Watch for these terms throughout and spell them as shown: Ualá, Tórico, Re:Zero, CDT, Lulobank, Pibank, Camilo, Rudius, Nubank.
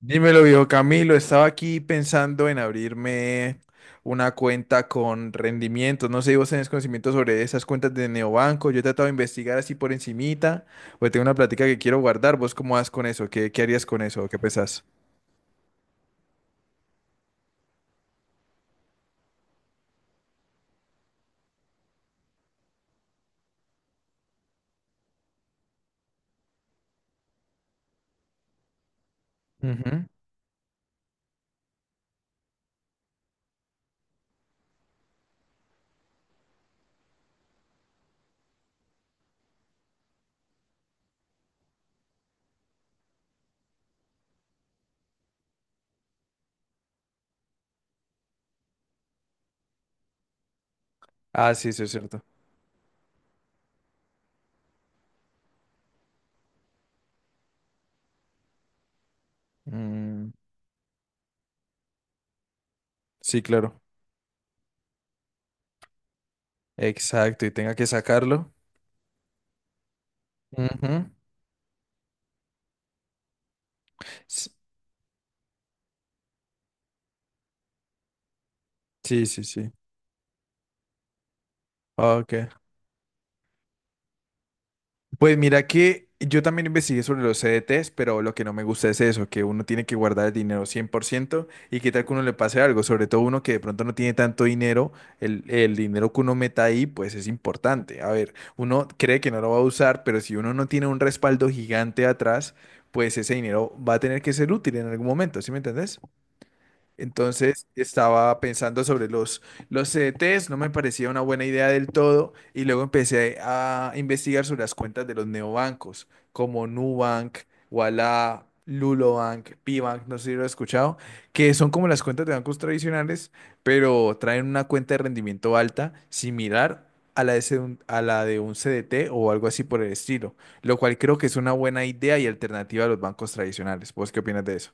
Dímelo, viejo Camilo. Estaba aquí pensando en abrirme una cuenta con rendimientos. No sé si vos tenés conocimiento sobre esas cuentas de neobanco. Yo he tratado de investigar así por encimita, porque tengo una plática que quiero guardar. ¿Vos cómo vas con eso? ¿Qué harías con eso? ¿Qué pensás? Ujú. Ah, sí, sí, es cierto. Mm, sí, claro. Exacto, y tenga que sacarlo. Ujú. S- Sí, sí, sí. Ok. Pues mira que yo también investigué sobre los CDTs, pero lo que no me gusta es eso, que uno tiene que guardar el dinero 100% y qué tal que uno le pase algo, sobre todo uno que de pronto no tiene tanto dinero, el dinero que uno meta ahí pues es importante. A ver, uno cree que no lo va a usar, pero si uno no tiene un respaldo gigante atrás, pues ese dinero va a tener que ser útil en algún momento, ¿sí me entendés? Entonces estaba pensando sobre los CDTs, no me parecía una buena idea del todo y luego empecé a investigar sobre las cuentas de los neobancos como Nubank, Ualá, Lulobank, Pibank, no sé si lo has escuchado, que son como las cuentas de bancos tradicionales, pero traen una cuenta de rendimiento alta similar a la de un CDT o algo así por el estilo, lo cual creo que es una buena idea y alternativa a los bancos tradicionales. ¿Vos qué opinas de eso?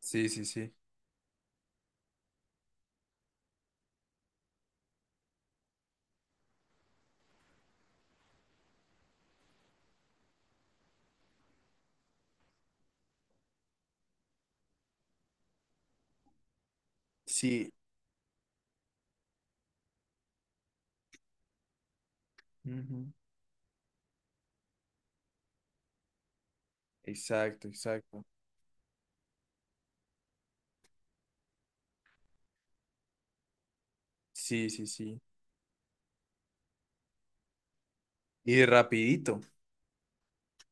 Sí, sí, sí. Sí, ujú. Exacto, exacto. Sí, sí, sí. Y rapidito.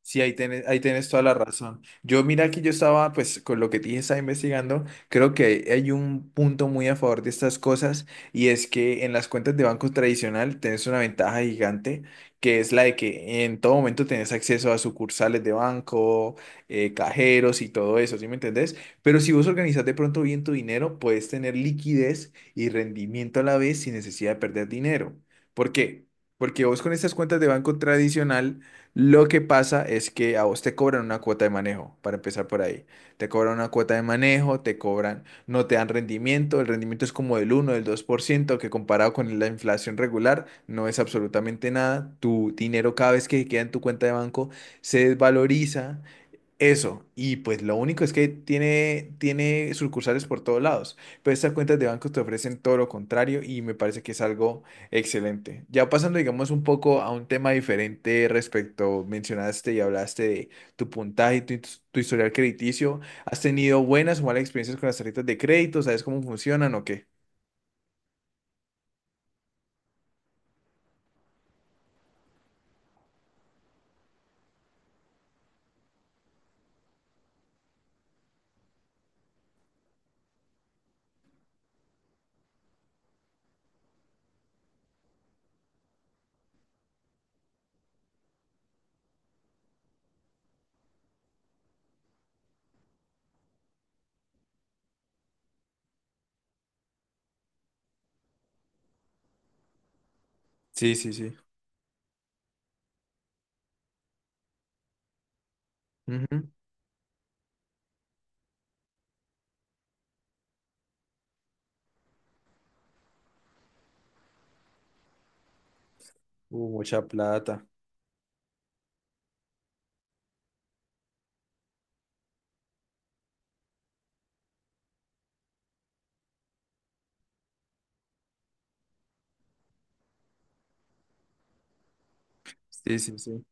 Sí, ahí tienes toda la razón. Yo mira que yo estaba, pues con lo que te dije, estaba investigando, creo que hay un punto muy a favor de estas cosas y es que en las cuentas de banco tradicional tenés una ventaja gigante que es la de que en todo momento tenés acceso a sucursales de banco, cajeros y todo eso, ¿sí me entendés? Pero si vos organizás de pronto bien tu dinero, puedes tener liquidez y rendimiento a la vez sin necesidad de perder dinero. ¿Por qué? Porque vos con estas cuentas de banco tradicional lo que pasa es que a vos te cobran una cuota de manejo, para empezar por ahí. Te cobran una cuota de manejo, te cobran, no te dan rendimiento, el rendimiento es como del uno, del 2% que comparado con la inflación regular no es absolutamente nada. Tu dinero cada vez que queda en tu cuenta de banco se desvaloriza eso, y pues lo único es que tiene sucursales por todos lados, pero estas cuentas de bancos te ofrecen todo lo contrario y me parece que es algo excelente. Ya pasando, digamos, un poco a un tema diferente respecto, mencionaste y hablaste de tu puntaje, tu historial crediticio, ¿has tenido buenas o malas experiencias con las tarjetas de crédito? ¿Sabes cómo funcionan o qué? Sí, sí, sí. Ujú. Mucha plata. Sí, sí, sí.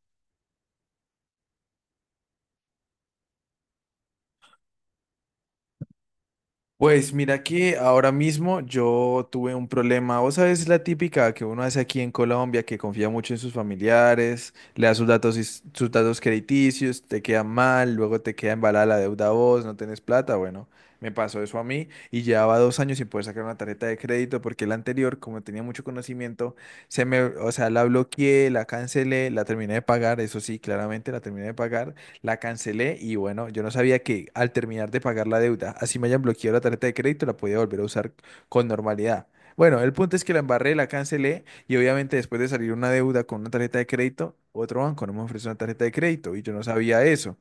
Pues mira que ahora mismo yo tuve un problema, vos sabes, la típica que uno hace aquí en Colombia, que confía mucho en sus familiares, le da sus datos, y sus datos crediticios, te queda mal, luego te queda embalada la deuda a vos, no tenés plata, bueno, me pasó eso a mí y llevaba dos años sin poder sacar una tarjeta de crédito porque la anterior, como tenía mucho conocimiento, se me, o sea, la bloqueé, la cancelé, la terminé de pagar, eso sí, claramente la terminé de pagar la cancelé y bueno, yo no sabía que al terminar de pagar la deuda, así me hayan bloqueado la tarjeta de crédito, la podía volver a usar con normalidad. Bueno, el punto es que la embarré, la cancelé y obviamente después de salir una deuda con una tarjeta de crédito, otro banco no me ofreció una tarjeta de crédito y yo no sabía eso.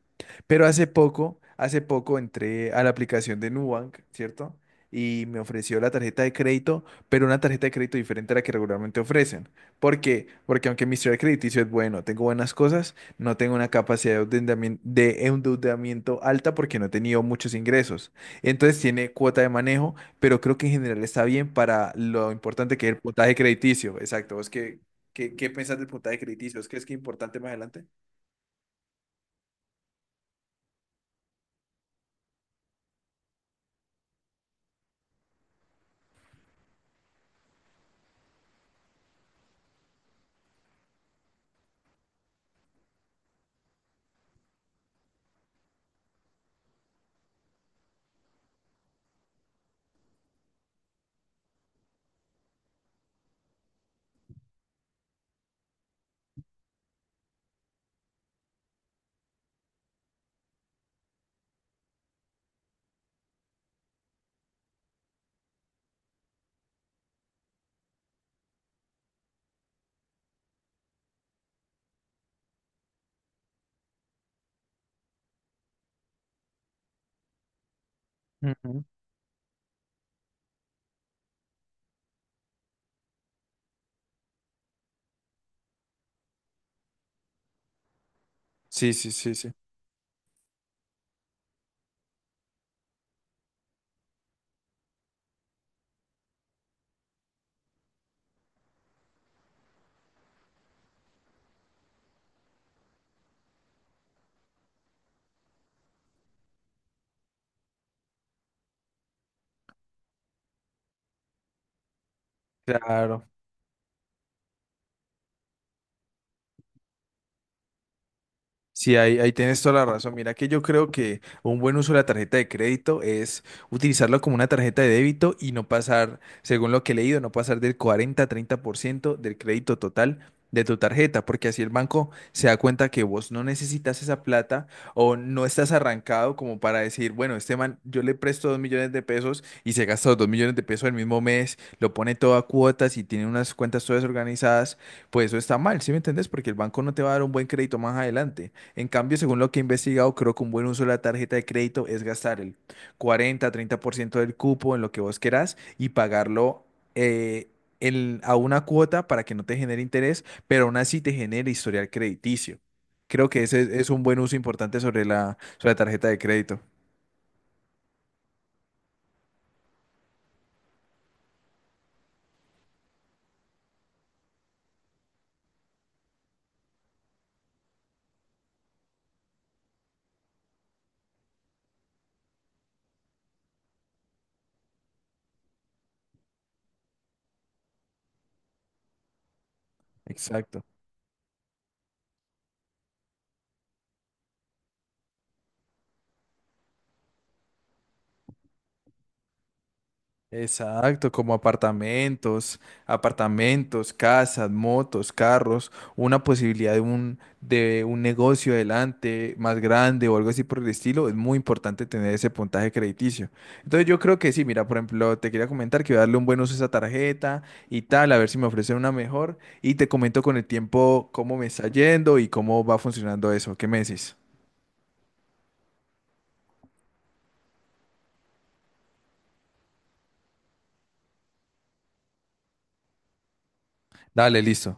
Pero hace poco entré a la aplicación de Nubank, ¿cierto? Y me ofreció la tarjeta de crédito, pero una tarjeta de crédito diferente a la que regularmente ofrecen. ¿Por qué? Porque aunque mi historial crediticio es bueno, tengo buenas cosas, no tengo una capacidad de endeudamiento alta porque no he tenido muchos ingresos. Entonces tiene cuota de manejo, pero creo que en general está bien para lo importante que es el puntaje crediticio. Exacto. ¿Vos qué pensás del puntaje crediticio? ¿Vos crees que es importante más adelante? Ujú. Sí, sí, sí, sí. Claro. Sí, ahí, ahí tienes toda la razón. Mira que yo creo que un buen uso de la tarjeta de crédito es utilizarlo como una tarjeta de débito y no pasar, según lo que he leído, no pasar del cuarenta, treinta por ciento del crédito total de tu tarjeta, porque así el banco se da cuenta que vos no necesitas esa plata o no estás arrancado como para decir, bueno, este man, yo le presto dos millones de pesos y se gasta los dos millones de pesos el mismo mes, lo pone todo a cuotas y tiene unas cuentas todas organizadas, pues eso está mal, ¿sí me entendés? Porque el banco no te va a dar un buen crédito más adelante. En cambio, según lo que he investigado, creo que un buen uso de la tarjeta de crédito es gastar el 40-30% del cupo en lo que vos querás y pagarlo eh, a una cuota para que no te genere interés, pero aún así te genere historial crediticio. Creo que ese es un buen uso importante sobre la tarjeta de crédito. Exacto. Exacto, como apartamentos, apartamentos, casas, motos, carros, una posibilidad de un negocio adelante más grande o algo así por el estilo, es muy importante tener ese puntaje crediticio. Entonces yo creo que sí, mira, por ejemplo, te quería comentar que voy a darle un buen uso a esa tarjeta y tal, a ver si me ofrecen una mejor y te comento con el tiempo cómo me está yendo y cómo va funcionando eso. ¿Qué me decís? Dale, listo.